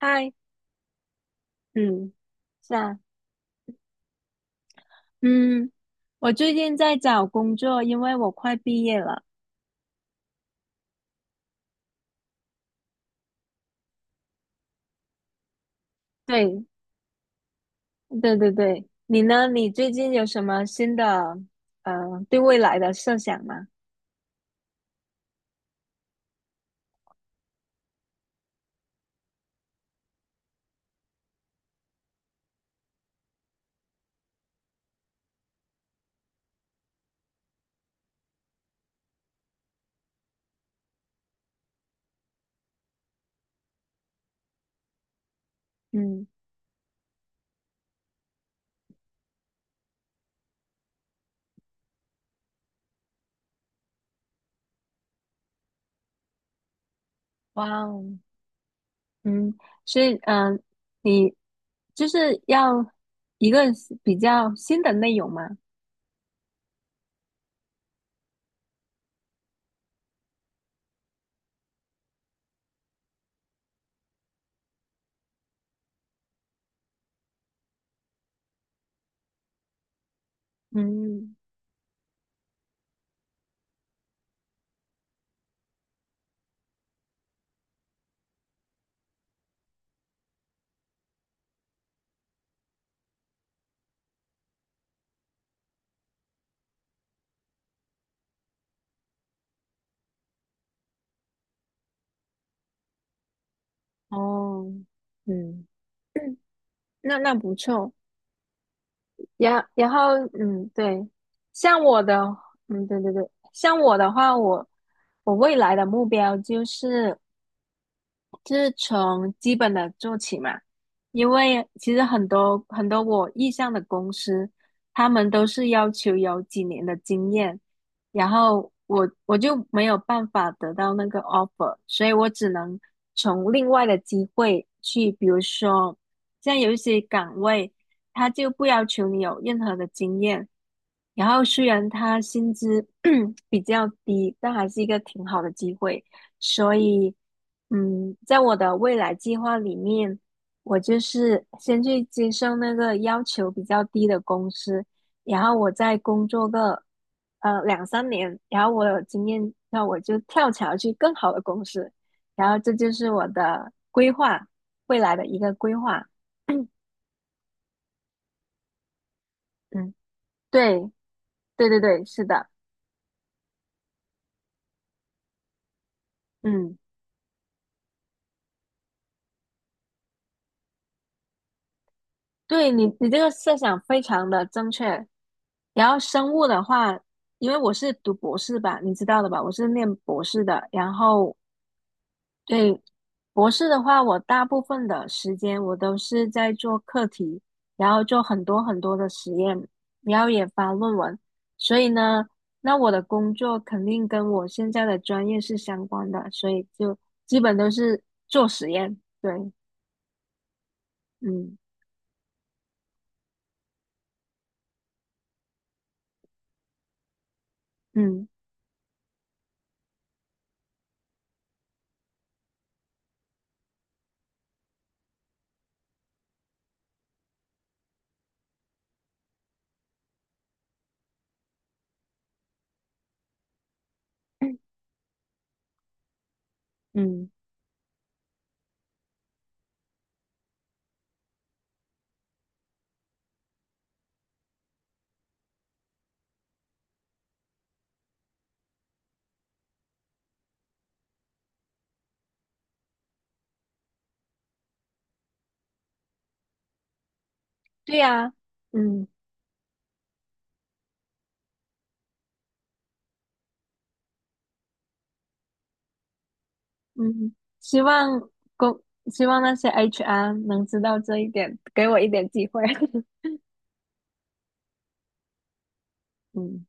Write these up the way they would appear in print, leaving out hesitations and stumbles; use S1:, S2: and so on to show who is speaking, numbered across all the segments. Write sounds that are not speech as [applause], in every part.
S1: 嗨，嗯，是啊，嗯，我最近在找工作，因为我快毕业了。对，对对对，你呢？你最近有什么新的对未来的设想吗？嗯，哇哦，嗯，所以你就是要一个比较新的内容吗？嗯，哦，嗯。那不错。然后，对，像我的，对对对，像我的话，我未来的目标就是从基本的做起嘛，因为其实很多很多我意向的公司，他们都是要求有几年的经验，然后我就没有办法得到那个 offer，所以我只能从另外的机会去，比如说像有一些岗位，他就不要求你有任何的经验，然后虽然他薪资 [clears throat] 比较低，但还是一个挺好的机会。所以，在我的未来计划里面，我就是先去接受那个要求比较低的公司，然后我再工作个两三年，然后我有经验，那我就跳槽去更好的公司，然后这就是我的规划，未来的一个规划。[clears throat] 嗯，对，对对对，是的，嗯，对，你这个设想非常的正确。然后生物的话，因为我是读博士吧，你知道的吧，我是念博士的。然后对，博士的话，我大部分的时间我都是在做课题，然后做很多很多的实验，然后也发论文。所以呢，那我的工作肯定跟我现在的专业是相关的，所以就基本都是做实验。对，嗯嗯嗯，对呀，嗯。嗯，希望公，希望那些 HR 能知道这一点，给我一点机会。[laughs] 嗯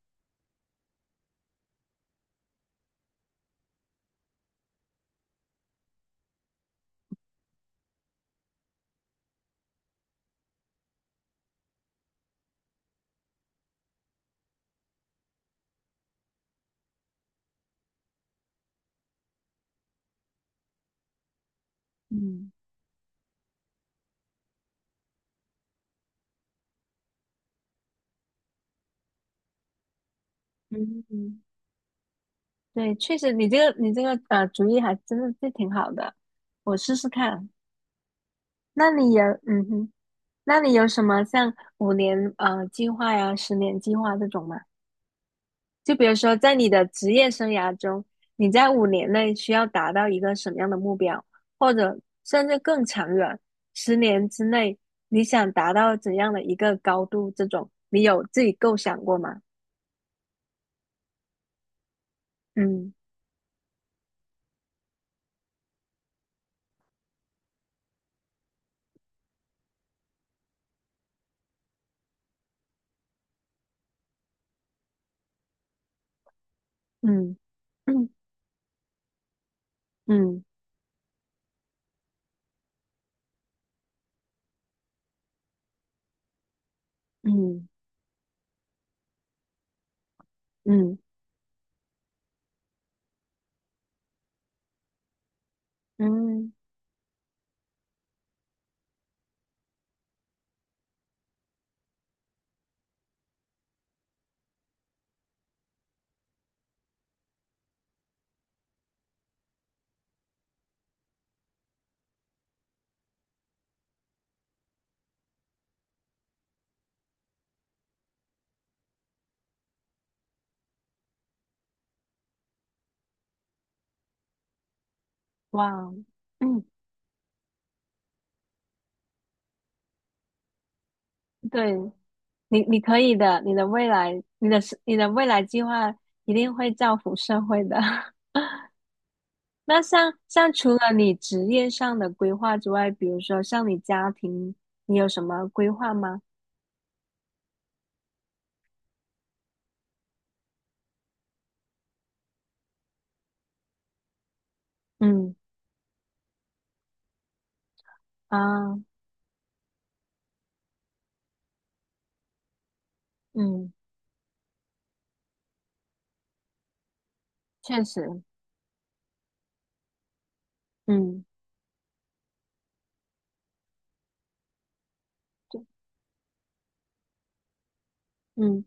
S1: 嗯嗯，嗯，对，确实，你这个主意还真的是挺好的，我试试看。那你有嗯哼，那你有什么像五年计划呀、十年计划这种吗？就比如说，在你的职业生涯中，你在五年内需要达到一个什么样的目标，或者甚至更长远，十年之内你想达到怎样的一个高度？这种你有自己构想过吗？嗯嗯嗯嗯嗯嗯嗯，哇哦，嗯，对，你可以的，你的未来，你的未来计划一定会造福社会的。[laughs] 那像除了你职业上的规划之外，比如说像你家庭，你有什么规划吗？嗯啊，嗯，确实，嗯嗯。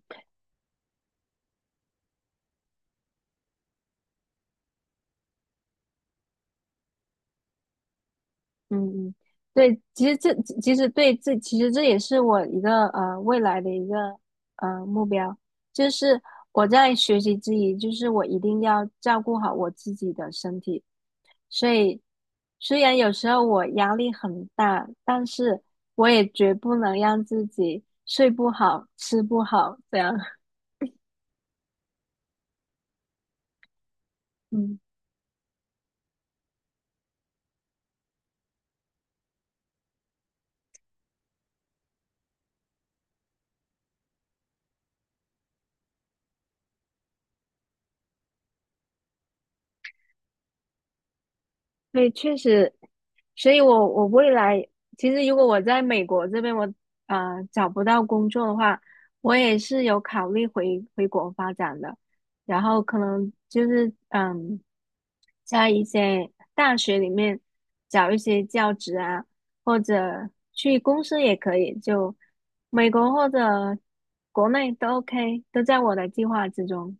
S1: 嗯嗯，对，其实这其实对这其实这也是我一个未来的一个目标，就是我在学习之余，就是我一定要照顾好我自己的身体。所以虽然有时候我压力很大，但是我也绝不能让自己睡不好、吃不好这样。[laughs] 嗯。对，确实，所以我未来其实如果我在美国这边我找不到工作的话，我也是有考虑回国发展的，然后可能就是在一些大学里面找一些教职啊，或者去公司也可以，就美国或者国内都 OK，都在我的计划之中。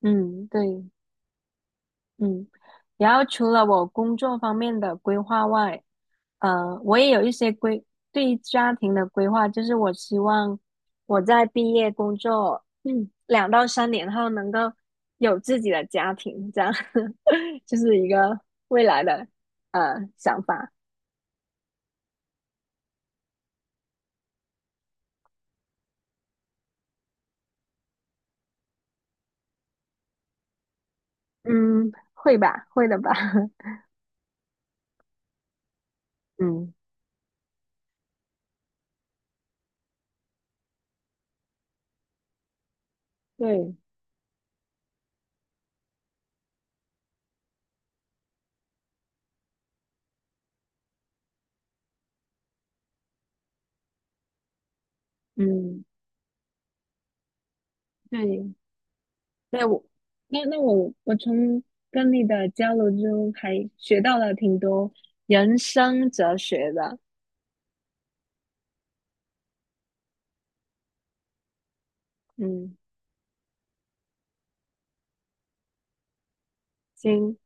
S1: 嗯，对。嗯，然后除了我工作方面的规划外，呃，我也有一些规，对于家庭的规划，就是我希望我在毕业工作，2到3年后能够有自己的家庭，这样，[laughs] 就是一个未来的想法。嗯，会吧，会的吧。[laughs] 嗯，对，嗯，对。对我，那我从跟你的交流中还学到了挺多人生哲学的。嗯，行，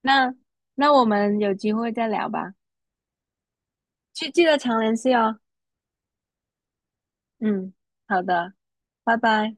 S1: 那那我们有机会再聊吧，记得常联系哦。嗯，好的，拜拜。